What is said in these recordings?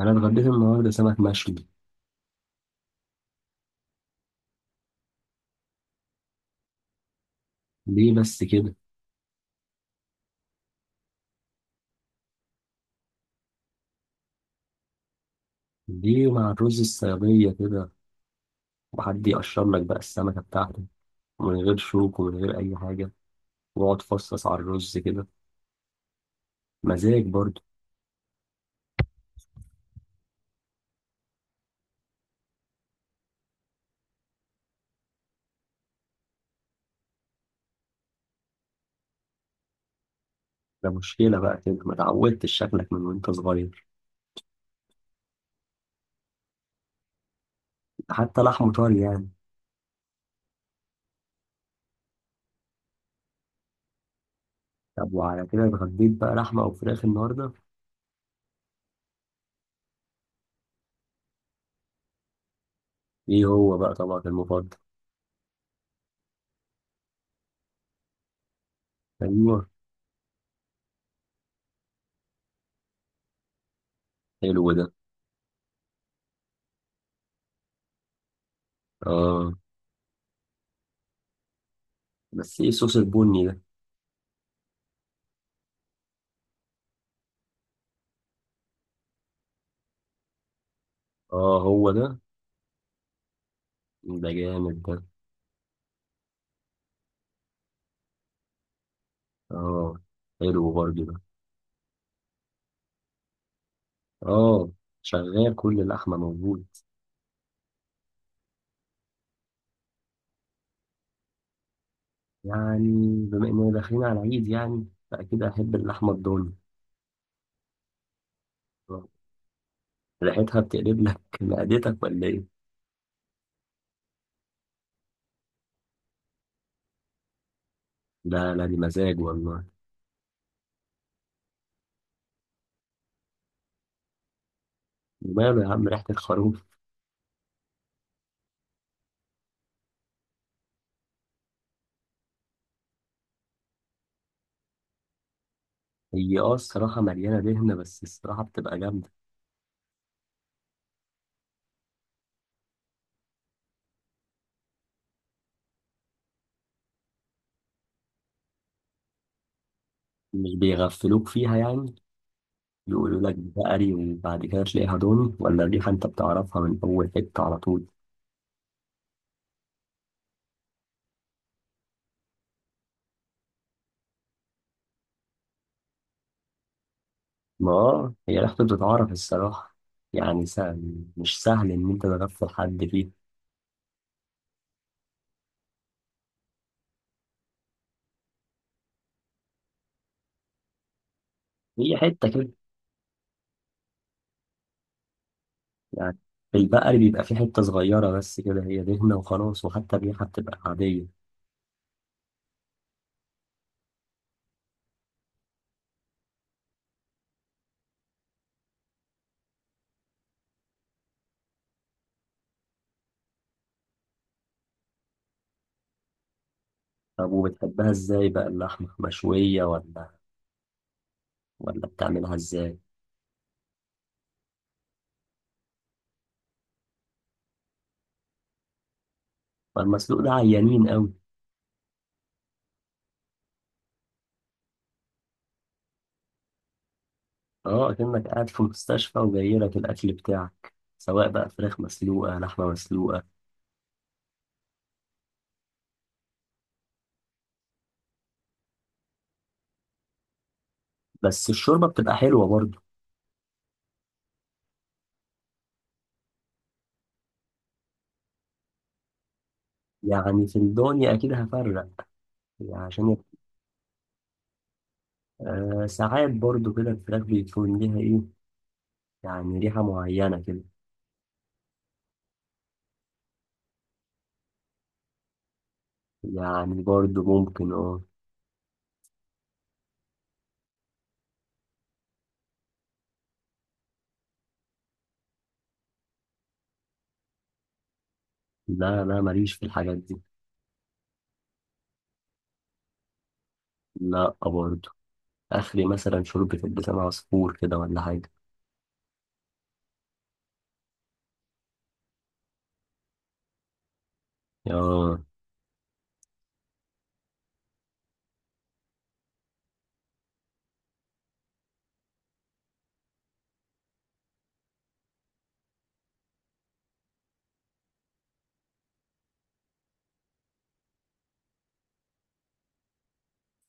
انا اتغديت النهارده سمك مشوي. ليه بس كده؟ ليه مع الرز الصياديه كده، وحد يقشر لك بقى السمكه بتاعته من غير شوك ومن غير اي حاجه، واقعد فصص على الرز كده، مزاج برضه. ده مشكله بقى كده، ما اتعودتش، شكلك من وانت صغير. حتى لحمه طري يعني. طب وعلى كده اتغديت بقى لحمه او فراخ النهارده؟ ايه هو بقى طبقك المفضل؟ ايوه. حلو ده. اه. بس ايه الصوص البني ده؟ اه هو ده. ده جامد ده. اه. حلو برضه ده. اه، شغال، كل اللحمة موجود. يعني بما إننا داخلين على العيد يعني فأكيد أحب اللحمة الضاني. آه. ريحتها بتقلب لك معدتك ولا إيه؟ لا لا، دي مزاج والله. وماله يا عم ريحة الخروف؟ هي اه الصراحة مليانة دهنة، بس الصراحة بتبقى جامدة. مش بيغفلوك فيها يعني؟ يقولوا لك بقري وبعد كده تلاقيها ضاني، ولا الريحة أنت بتعرفها من أول حتة على طول. ما هي ريحته بتتعرف الصراحة. يعني سهل، مش سهل إن أنت تغفل حد فيها. هي حتة كده يعني. البقري بيبقى فيه حتة صغيرة بس كده هي دهنة وخلاص، وحتى الريحة بتبقى عادية. طب وبتحبها ازاي بقى اللحمة؟ مشوية ولا بتعملها ازاي؟ فالمسلوق ده عيانين قوي. اه، كأنك قاعد في مستشفى وجاي لك الأكل بتاعك، سواء بقى فراخ مسلوقة لحمة مسلوقة. بس الشوربة بتبقى حلوة برضه. يعني في الدنيا أكيد هفرق. يعني عشان يبقى. آه، ساعات برضه كده الفراخ بيكون ليها إيه، يعني ريحة معينة كده. يعني برضه ممكن اه. لا لا، ماليش في الحاجات دي. لا برضه. اخري مثلا شوربة اللسان عصفور كده ولا حاجة. اه.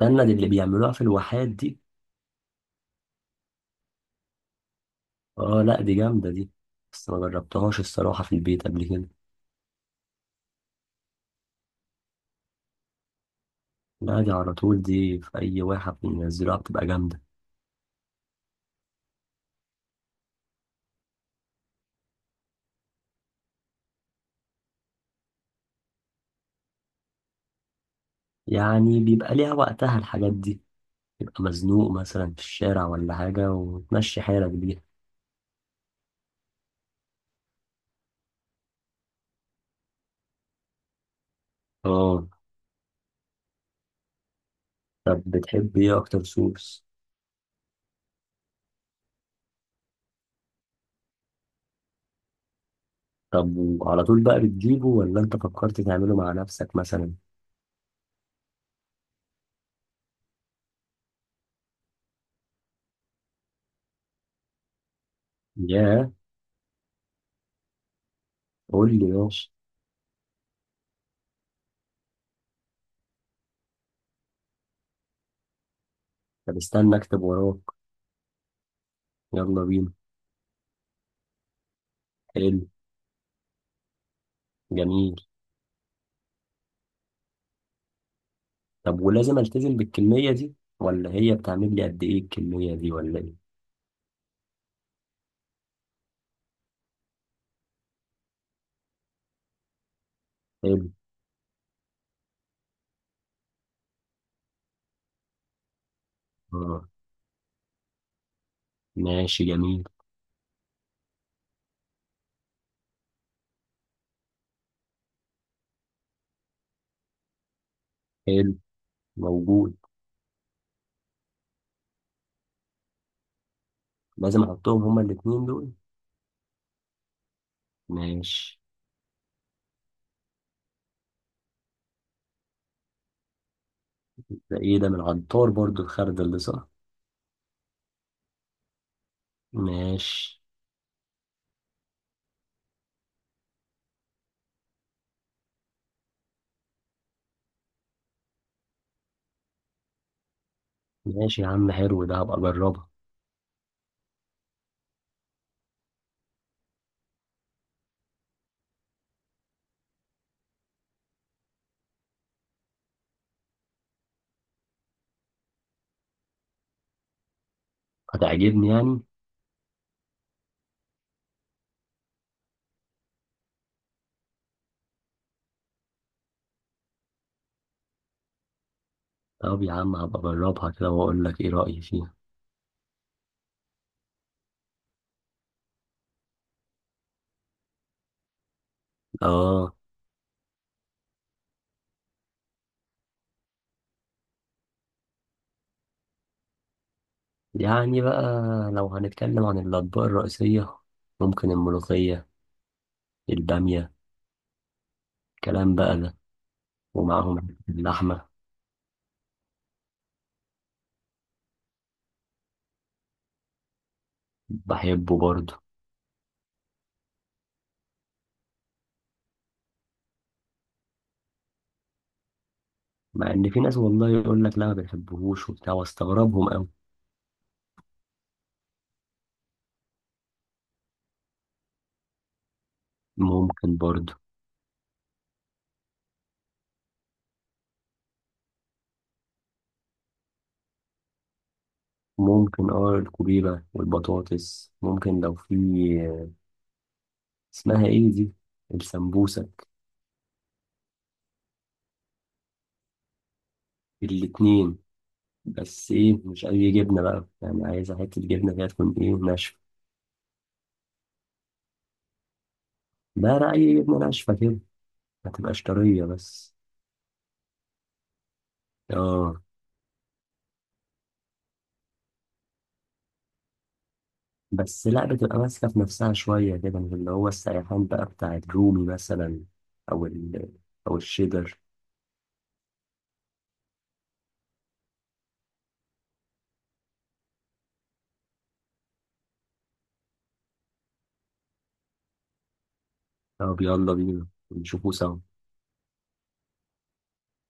استنى، دي اللي بيعملوها في الواحات دي. اه لا، دي جامدة دي، بس ما جربتهاش الصراحة في البيت قبل كده. لا، دي على طول، دي في أي واحد بينزلوها بتبقى جامدة. يعني بيبقى ليها وقتها الحاجات دي، تبقى مزنوق مثلا في الشارع ولا حاجة وتمشي حالك بيها. اه. طب بتحب ايه أكتر صوص؟ طب وعلى طول بقى بتجيبه ولا أنت فكرت تعمله مع نفسك مثلا؟ ياه. قول لي ماشي. طب استنى اكتب وراك. يلا بينا. حلو. جميل. طب ولازم التزم بالكمية دي؟ ولا هي بتعمل لي قد ايه الكمية دي ولا ايه؟ حلو. اه، ماشي، جميل. حلو. موجود. لازم احطهم هما الاتنين دول؟ ماشي. ده ايه ده؟ من العطار برضو الخرد اللي صح؟ ماشي. ماشي يا عم، حلو ده، هبقى اجربها. هتعجبني يعني؟ طب يا عم هبقى اجربها كده واقول لك ايه رأيي فيها. اه. يعني بقى لو هنتكلم عن الأطباق الرئيسية، ممكن الملوخية، البامية، الكلام بقى ده. ومعاهم اللحمة. بحبه برضه. مع إن في ناس والله يقول لك لا ما بيحبوهوش وبتاع، واستغربهم أوي. ممكن برضه. ممكن اه، الكوبيبة والبطاطس، ممكن. لو في اسمها ايه دي، السمبوسك. الاتنين. بس ايه، مش أي جبنة بقى، يعني عايزة حتة جبنة كده تكون ايه، ناشفة. لا لا، أي جبنة ناشفة كده، ما تبقاش طرية بس. اه. بس لا، بتبقى ماسكة في نفسها شوية كده، مش اللي هو السيحان بقى بتاع الرومي مثلا، أو ال، أو الشيدر. طب يلا بينا نشوفه سوا.